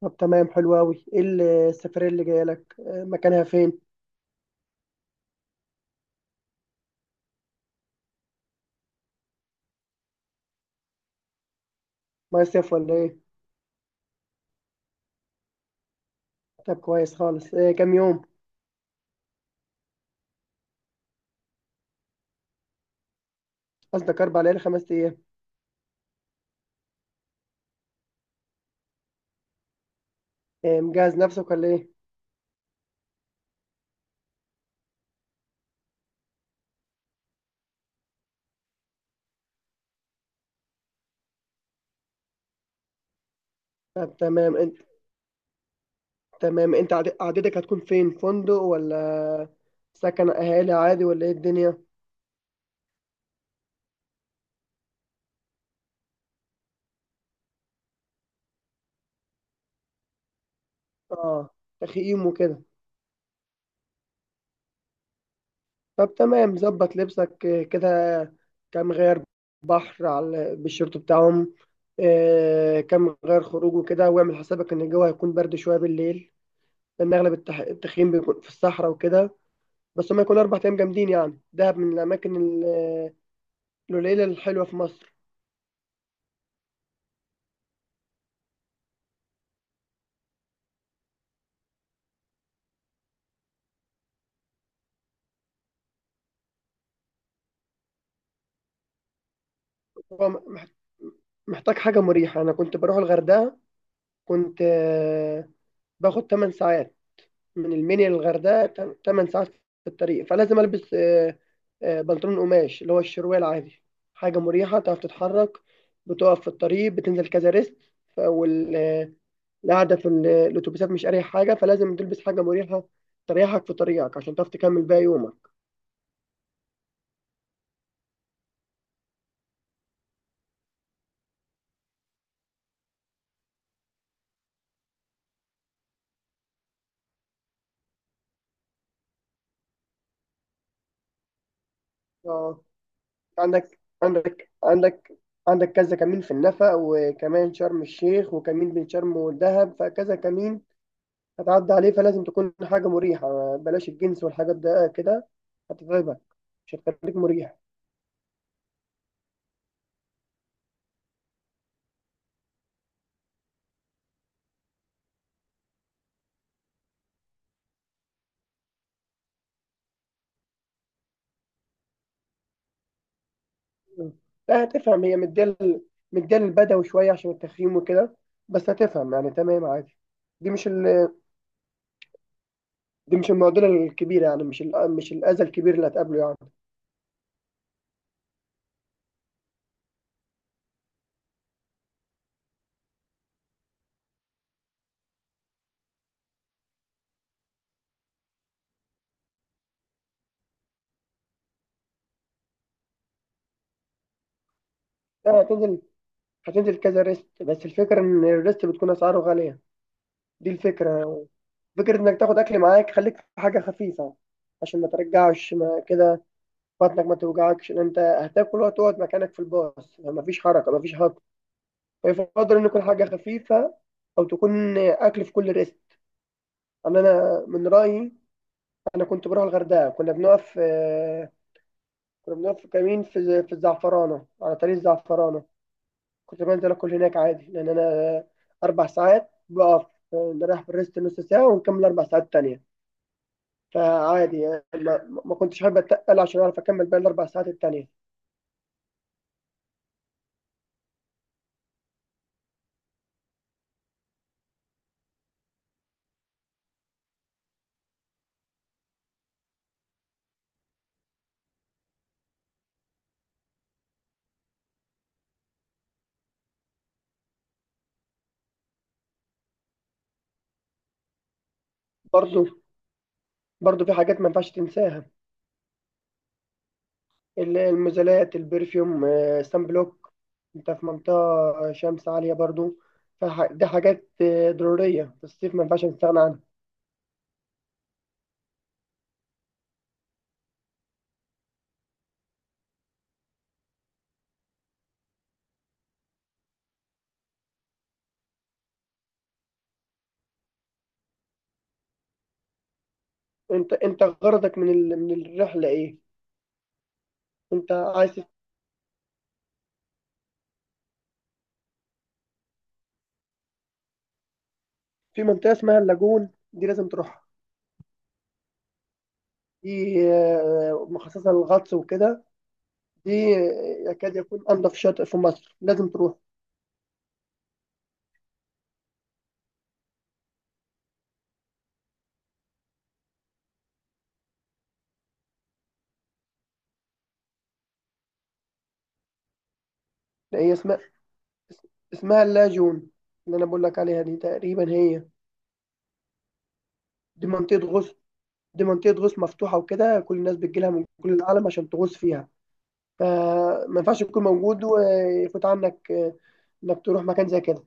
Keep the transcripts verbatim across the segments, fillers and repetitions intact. طب تمام حلو أوي. إيه ال- السفرية اللي جاية لك، آه، مكانها فين؟ مصيف ولا إيه؟ طب كويس خالص، آه، كام يوم؟ قصدك أربع ليالي خمس أيام. آه، مجهز نفسك ولا إيه؟ طب تمام أنت تمام أنت عد- عددك هتكون فين؟ فندق ولا سكن أهالي عادي ولا إيه الدنيا؟ آه، تخييم وكده. طب تمام، ظبط لبسك آه، كده، كام غير بحر على بالشورت بتاعهم، آه، كام غير خروج وكده، واعمل حسابك إن الجو هيكون برد شوية بالليل لان اغلب التح... التخييم بيكون في الصحراء وكده. بس هم يكونوا اربع ايام جامدين، يعني دهب من الاماكن ال- القليله الحلوه في مصر. هو مح- محتاج حاجه مريحه. انا كنت بروح الغردقه، كنت آه، باخد 8 ساعات، من المنيا للغردقه 8 ساعات في الطريق. فلازم البس آه، آه، بنطلون قماش اللي هو الشروال عادي، حاجه مريحه تعرف تتحرك. بتقف في الطريق، بتنزل كذا ريست. القعدة في ال- الأتوبيسات مش أريح حاجة، فلازم تلبس حاجة مريحة تريحك في طريقك عشان تعرف تكمل باقي يومك. اه، عندك عندك عندك عندك كذا كمين في النفق، وكمان شرم الشيخ، وكمين بين شرم والدهب، فكذا كمين هتعدي عليه، فلازم تكون حاجة مريحة. بلاش الجنس والحاجات ده كده، هتتعبك، مش هتخليك مريح. م. لا، هتفهم، هي مديال مديال البدوي شوية عشان التخييم وكده. بس هتفهم، يعني تمام عادي. دي مش ال- دي مش المعضله الكبيره، يعني مش ال- مش الاذى الكبير اللي هتقابله يعني. لا، هتنزل هتنزل كذا ريست، بس الفكره ان الريست بتكون اسعاره غاليه. دي الفكره، فكره انك تاخد اكل معاك، خليك في حاجه خفيفه عشان ما ترجعش ما كده، بطنك ما توجعكش، لان انت هتاكل وتقعد مكانك في الباص، ما فيش حركه ما فيش هضم. فيفضل ان يكون حاجه خفيفه او تكون اكل في كل ريست، يعني انا من رايي. انا كنت بروح الغردقه، كنا بنقف آه، كنا بنقف في كمين في في الزعفرانه، على طريق الزعفرانه كنت بنزل اكل هناك عادي، لان انا اربع ساعات بقف، نروح بالريست نص ساعه ونكمل اربع ساعات تانية. فعادي يعني، ما, ما كنتش حابب اتقل عشان اعرف اكمل باقي الاربع ساعات التانية. برضو برضو في حاجات ما ينفعش تنساها، ال- المزالات، البرفيوم، آه، سان بلوك. انت في منطقه شمس عاليه برضو، فدي حاجات آه، ضروريه في الصيف ما ينفعش نستغنى عنها. انت انت غرضك من ال... من الرحله ايه؟ انت عايز؟ في منطقه اسمها اللاجون، دي لازم تروح، دي آه، مخصصة للغطس وكده، دي آه، يكاد يكون أنظف شاطئ في مصر، لازم تروح. ده هي اسمها اسمها اللاجون اللي أنا بقول لك عليها، دي تقريبا هي. دي منطقة غوص دي منطقة غوص مفتوحة وكده، كل الناس بتجيلها من كل العالم عشان تغوص فيها، فما ينفعش تكون موجود ويفوت عنك آه، إنك تروح مكان زي كده.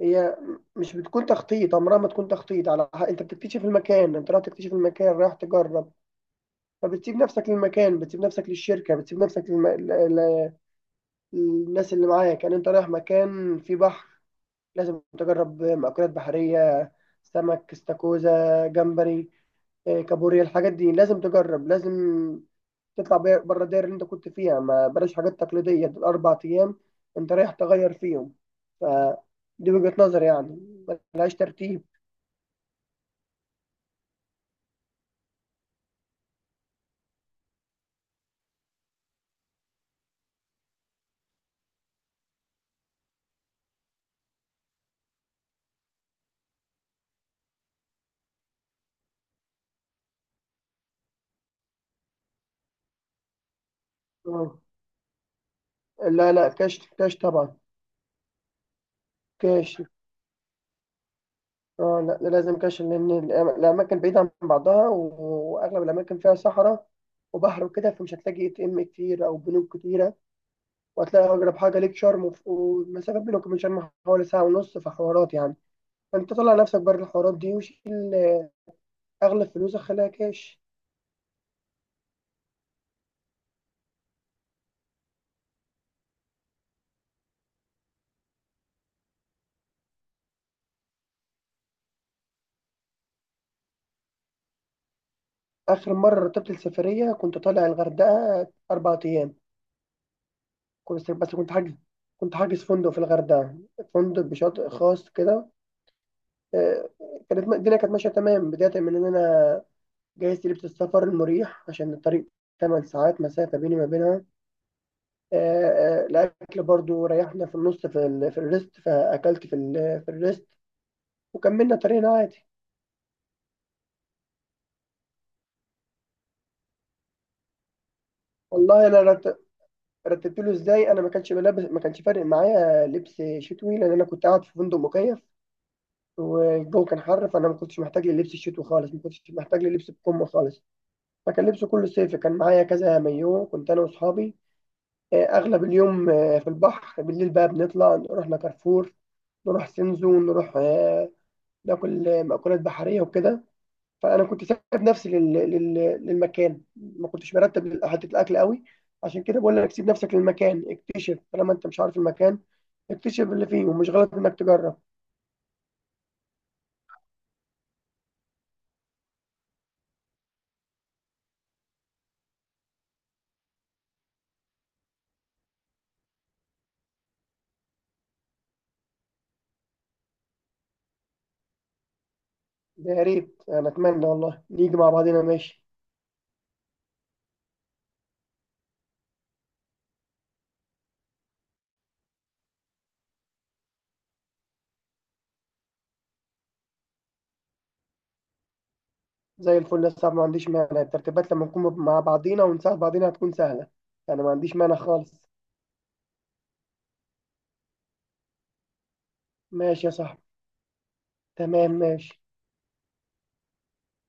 هي مش بتكون تخطيط، عمرها ما تكون تخطيط، على ح- أنت بتكتشف المكان، أنت رايح تكتشف المكان، رايح تجرب. فبتسيب نفسك للمكان، بتسيب نفسك للشركة، بتسيب نفسك للم... ل... ل... للناس اللي معاك. يعني انت رايح مكان فيه بحر، لازم تجرب مأكولات بحرية، سمك، استاكوزا، جمبري، آه، كابوريا، الحاجات دي لازم تجرب، لازم تطلع بي- بره الدايرة اللي انت كنت فيها، ما بلاش حاجات تقليدية، دول أربع أيام انت رايح تغير فيهم. فدي وجهة نظري يعني، ملهاش ترتيب. آه. لا لا، كاش كاش طبعا، كاش. اه لا، ده لازم كاش، لان الأم- الاماكن بعيده عن بعضها و- واغلب الاماكن فيها صحراء وبحر وكده، فمش هتلاقي اي تي ام كتير او بنوك كتيره، وهتلاقي اقرب حاجه ليك شرم، وف- والمسافه بينك وبين شرم حوالي ساعه ونص في حوارات يعني. فانت طلع نفسك بره الحوارات دي، وشيل اغلب فلوسك خليها كاش. اخر مره رتبت السفريه كنت طالع الغردقه اربع ايام، كنت بس كنت حاجز كنت حاجز فندق في الغردقه، فندق بشاطئ خاص كده. آه، كانت الدنيا كانت ماشيه تمام، بدايه من ان انا جهزت لبس السفر المريح عشان الطريق 8 ساعات مسافة بيني ما بينها. آه، آه، الأكل برضو ريحنا في النص في ال... في الريست، فأكلت في ال... في الريست، وكملنا طريقنا عادي. والله أنا رت... رتبت له إزاي. أنا ما كانش بلبس، ما كانش فارق معايا لبس شتوي، لأن أنا كنت قاعد في فندق مكيف والجو كان حر. فأنا ما كنتش محتاج للبس الشتوي خالص، ما كنتش محتاج للبس بكم خالص، فكان لبسه كله صيفي. كان معايا كذا مايو، كنت أنا وأصحابي آه، أغلب اليوم آه، في البحر. بالليل بقى بنطلع، رحنا كارفور، نروح سنزو، نروح آه، ناكل آه، مأكولات بحرية وكده. فأنا كنت سايب نفسي لل... لل... للمكان، ما كنتش مرتب لل- حتة الأكل قوي. عشان كده بقول لك، سيب نفسك للمكان، اكتشف طالما أنت مش عارف المكان، اكتشف اللي فيه، ومش غلط إنك تجرب. يا ريت، أنا أتمنى والله نيجي مع بعضينا، ماشي. زي الفل يا صاحبي، ما عنديش مانع، الترتيبات لما نكون مع بعضينا ونساعد بعضينا هتكون سهلة. أنا ما عنديش مانع خالص. ماشي يا صاحبي، تمام ماشي.